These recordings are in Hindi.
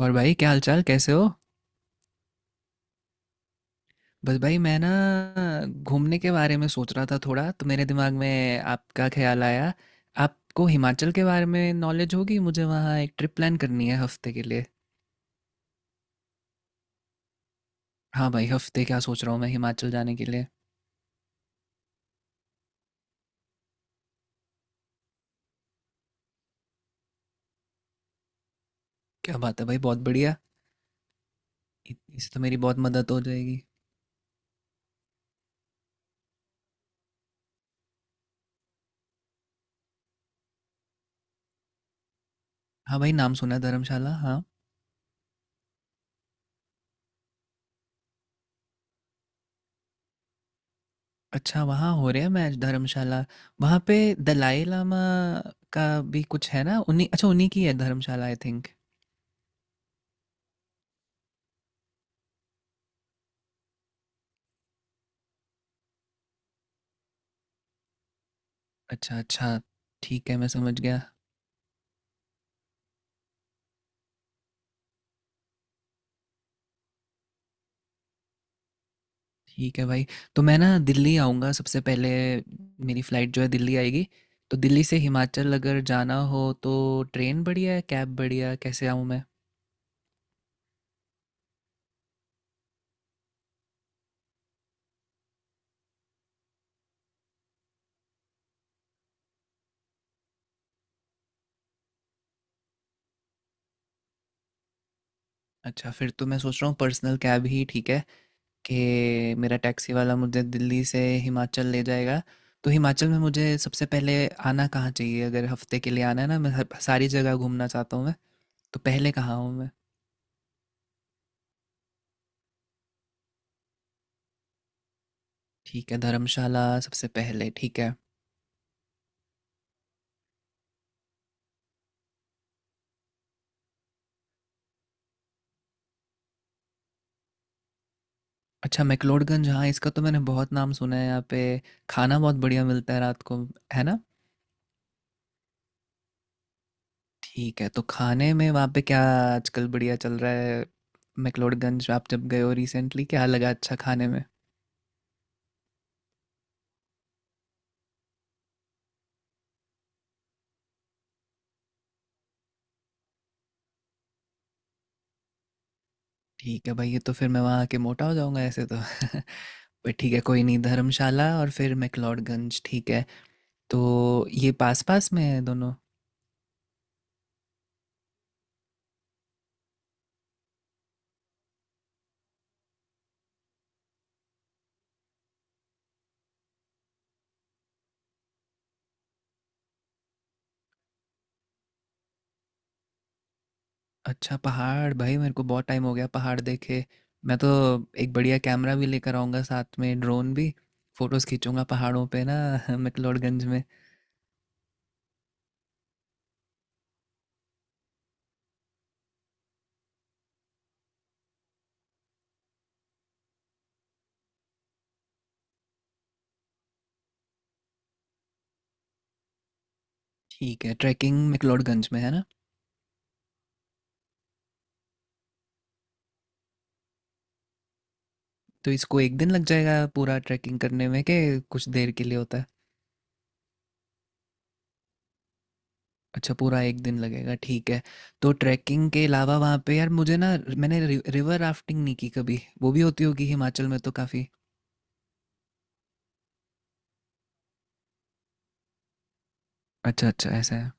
और भाई क्या हाल चाल कैसे हो। बस भाई मैं ना घूमने के बारे में सोच रहा था थोड़ा, तो मेरे दिमाग में आपका ख्याल आया। आपको हिमाचल के बारे में नॉलेज होगी, मुझे वहाँ एक ट्रिप प्लान करनी है हफ्ते के लिए। हाँ भाई, हफ्ते क्या सोच रहा हूँ मैं हिमाचल जाने के लिए। क्या बात है भाई, बहुत बढ़िया। इससे तो मेरी बहुत मदद हो जाएगी। हाँ भाई, नाम सुना है धर्मशाला, हाँ। अच्छा, वहाँ हो रहे हैं मैच धर्मशाला, वहाँ पे दलाई लामा का भी कुछ है ना? उन्हीं अच्छा, उन्हीं की है धर्मशाला, आई थिंक। अच्छा, अच्छा। ठीक है, मैं समझ गया। ठीक है भाई, तो मैं ना दिल्ली आऊँगा सबसे पहले, मेरी फ़्लाइट जो है दिल्ली आएगी, तो दिल्ली से हिमाचल अगर जाना हो तो ट्रेन बढ़िया है, कैब बढ़िया है, कैसे आऊँ मैं? अच्छा, फिर तो मैं सोच रहा हूँ पर्सनल कैब ही ठीक है कि मेरा टैक्सी वाला मुझे दिल्ली से हिमाचल ले जाएगा। तो हिमाचल में मुझे सबसे पहले आना कहाँ चाहिए? अगर हफ़्ते के लिए आना है ना, मैं हर सारी जगह घूमना चाहता हूँ मैं, तो पहले कहाँ आऊँ मैं? ठीक है, धर्मशाला सबसे पहले, ठीक है। अच्छा, मैक्लोडगंज, हाँ, इसका तो मैंने बहुत नाम सुना है यहाँ पे, खाना बहुत बढ़िया मिलता है रात को, है ना? ठीक है, तो खाने में वहाँ पे क्या आजकल बढ़िया चल रहा है? मैक्लोडगंज आप जब गए हो रिसेंटली, क्या लगा अच्छा खाने में? ठीक है भाई, ये तो फिर मैं वहाँ आके मोटा हो जाऊँगा ऐसे तो। पर ठीक है, कोई नहीं, धर्मशाला और फिर मैक्लोडगंज, ठीक है। तो ये पास-पास में है दोनों? अच्छा पहाड़, भाई मेरे को बहुत टाइम हो गया पहाड़ देखे, मैं तो एक बढ़िया कैमरा भी लेकर आऊँगा साथ में, ड्रोन भी, फोटोज़ खींचूंगा पहाड़ों पे ना। मैक्लोडगंज में, ठीक है, ट्रैकिंग मैक्लोडगंज में है ना, तो इसको एक दिन लग जाएगा पूरा ट्रैकिंग करने में के कुछ देर के लिए होता है? अच्छा, पूरा एक दिन लगेगा, ठीक है। तो ट्रैकिंग के अलावा वहाँ पे यार मुझे ना, मैंने रिवर राफ्टिंग नहीं की कभी, वो भी होती होगी हिमाचल में तो, काफ़ी। अच्छा अच्छा, ऐसा है।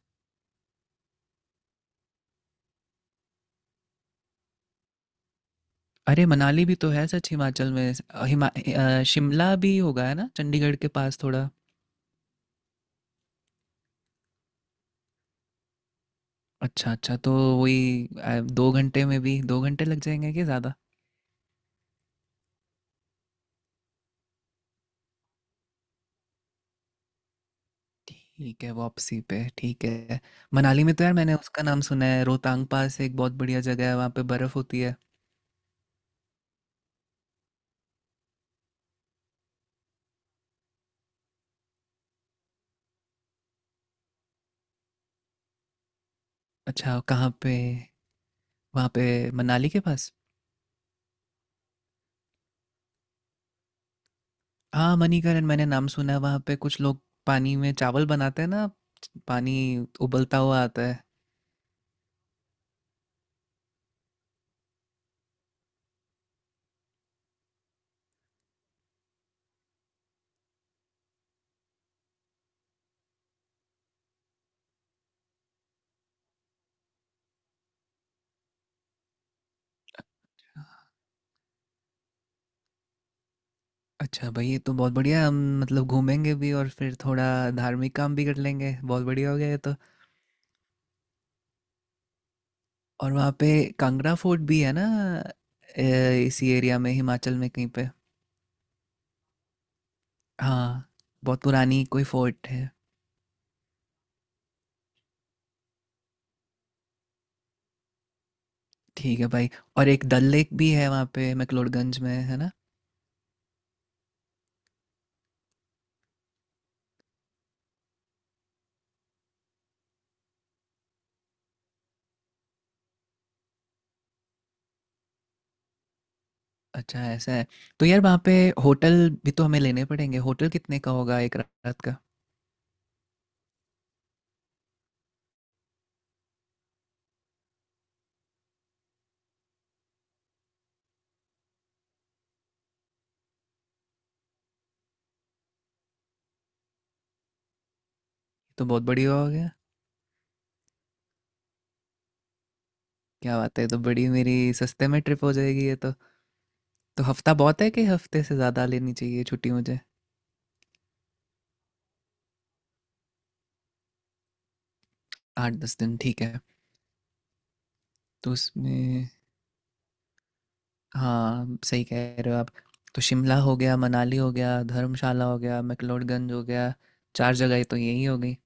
अरे मनाली भी तो है सच हिमाचल में, शिमला भी होगा है ना चंडीगढ़ के पास थोड़ा। अच्छा अच्छा, तो वही, 2 घंटे में भी 2 घंटे लग जाएंगे कि ज़्यादा? ठीक है, वापसी पे, ठीक है। मनाली में तो यार मैंने उसका नाम सुना है, रोहतांग पास, एक बहुत बढ़िया जगह है वहाँ पे, बर्फ़ होती है। अच्छा, कहाँ पे? वहाँ पे, मनाली के पास? हाँ मणिकरण, मैंने नाम सुना है, वहाँ पे कुछ लोग पानी में चावल बनाते हैं ना, पानी उबलता हुआ आता है। अच्छा भाई, ये तो बहुत बढ़िया, हम मतलब घूमेंगे भी और फिर थोड़ा धार्मिक काम भी कर लेंगे, बहुत बढ़िया हो गया ये तो। और वहाँ पे कांगड़ा फोर्ट भी है ना, इसी एरिया में हिमाचल में कहीं पे? हाँ, बहुत पुरानी कोई फोर्ट है। ठीक है भाई। और एक डल लेक भी है वहाँ पे, मैक्लोडगंज में, है ना? अच्छा, ऐसा है। तो यार, वहाँ पे होटल भी तो हमें लेने पड़ेंगे, होटल कितने का होगा एक रात का? तो बहुत बढ़िया हो गया। क्या बात है, ये तो बड़ी मेरी सस्ते में ट्रिप हो जाएगी ये तो। तो हफ्ता बहुत है कि हफ्ते से ज़्यादा लेनी चाहिए छुट्टी मुझे? 8-10 दिन, ठीक है। तो उसमें, हाँ, सही कह रहे हो आप। तो शिमला हो गया, मनाली हो गया, धर्मशाला हो गया, मैक्लोडगंज हो गया, 4 जगह तो यही हो गई।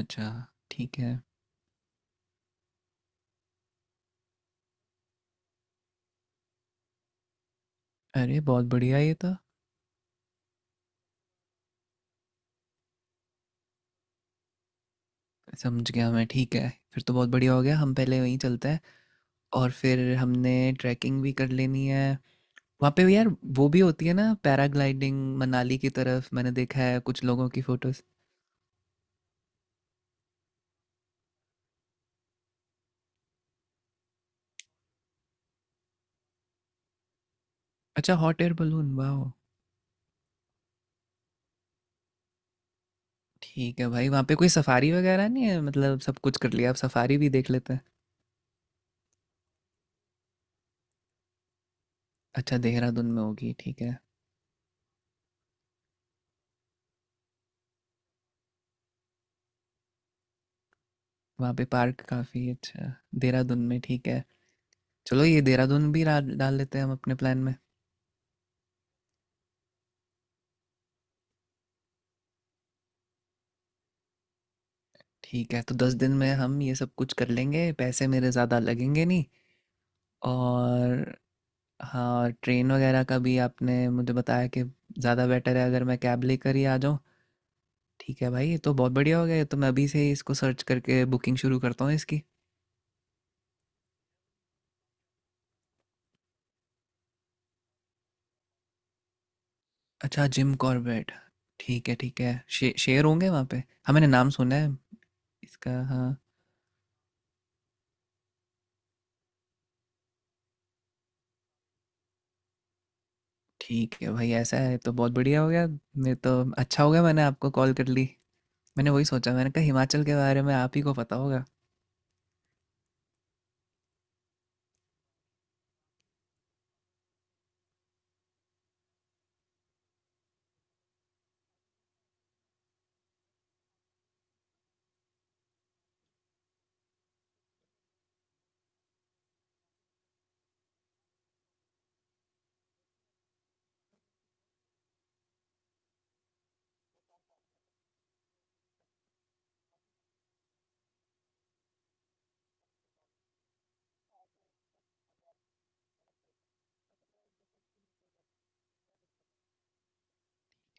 अच्छा, ठीक है। अरे! बहुत बढ़िया ये तो। समझ गया मैं, ठीक है। फिर तो बहुत बढ़िया हो गया, हम पहले वहीं चलते हैं और फिर हमने ट्रैकिंग भी कर लेनी है। वहाँ पे भी यार वो भी होती है ना पैराग्लाइडिंग, मनाली की तरफ मैंने देखा है कुछ लोगों की फ़ोटोज़। अच्छा, हॉट एयर बलून, वाओ! ठीक है भाई, वहाँ पे कोई सफारी वगैरह नहीं है? मतलब सब कुछ कर लिया, अब सफारी भी देख लेते हैं। अच्छा, देहरादून में होगी, ठीक है। वहाँ पे पार्क काफ़ी अच्छा देहरादून में, ठीक है। चलो, ये देहरादून भी डाल डाल लेते हैं हम अपने प्लान में। ठीक है, तो 10 दिन में हम ये सब कुछ कर लेंगे, पैसे मेरे ज़्यादा लगेंगे नहीं। और हाँ, ट्रेन वगैरह का भी आपने मुझे बताया कि ज़्यादा बेटर है अगर मैं कैब लेकर ही आ जाऊँ। ठीक है भाई, ये तो बहुत बढ़िया हो गया, ये तो मैं अभी से ही इसको सर्च करके बुकिंग शुरू करता हूँ इसकी। अच्छा जिम कॉर्बेट, ठीक है ठीक है, शेर होंगे वहाँ पे? हाँ मैंने नाम सुना है इसका, हाँ। ठीक है भाई, ऐसा है तो बहुत बढ़िया हो गया, नहीं तो, अच्छा हो गया मैंने आपको कॉल कर ली। मैंने वही सोचा, मैंने कहा हिमाचल के बारे में आप ही को पता होगा।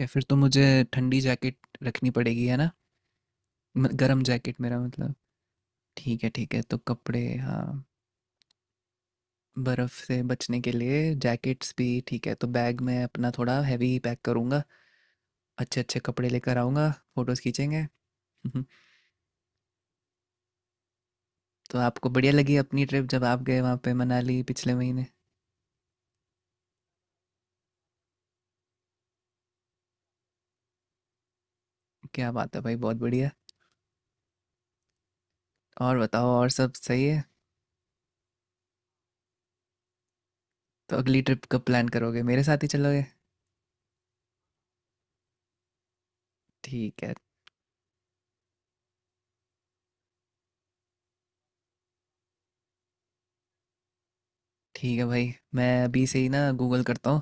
या फिर तो मुझे ठंडी जैकेट रखनी पड़ेगी, है ना? गरम जैकेट मेरा मतलब। ठीक है ठीक है, तो कपड़े हाँ, बर्फ़ से बचने के लिए जैकेट्स भी, ठीक है, तो बैग में अपना थोड़ा हैवी पैक करूँगा, अच्छे अच्छे कपड़े लेकर आऊँगा, फ़ोटोज़ खींचेंगे। तो आपको बढ़िया लगी अपनी ट्रिप जब आप गए वहाँ पे मनाली पिछले महीने? क्या बात है भाई, बहुत बढ़िया। और बताओ, और सब सही है? तो अगली ट्रिप कब प्लान करोगे, मेरे साथ ही चलोगे? ठीक है। ठीक है भाई, मैं अभी से ही ना गूगल करता हूँ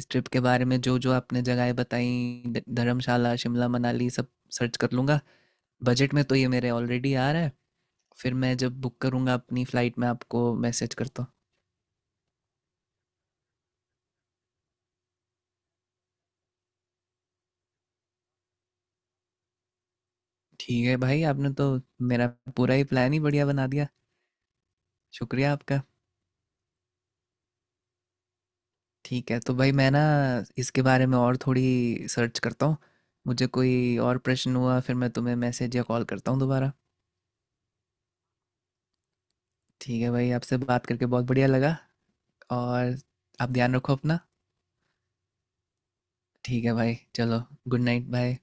इस ट्रिप के बारे में, जो जो आपने जगहें बताई, धर्मशाला शिमला मनाली, सब सर्च कर लूँगा, बजट में तो ये मेरे ऑलरेडी आ रहा है। फिर मैं जब बुक करूँगा अपनी फ़्लाइट, में आपको मैसेज करता हूँ। ठीक है भाई, आपने तो मेरा पूरा ही प्लान ही बढ़िया बना दिया, शुक्रिया आपका। ठीक है, तो भाई मैं ना इसके बारे में और थोड़ी सर्च करता हूँ, मुझे कोई और प्रश्न हुआ फिर मैं तुम्हें मैसेज या कॉल करता हूँ दोबारा। ठीक है भाई, आपसे बात करके बहुत बढ़िया लगा। और आप ध्यान रखो अपना। ठीक है भाई, चलो, गुड नाइट, बाय।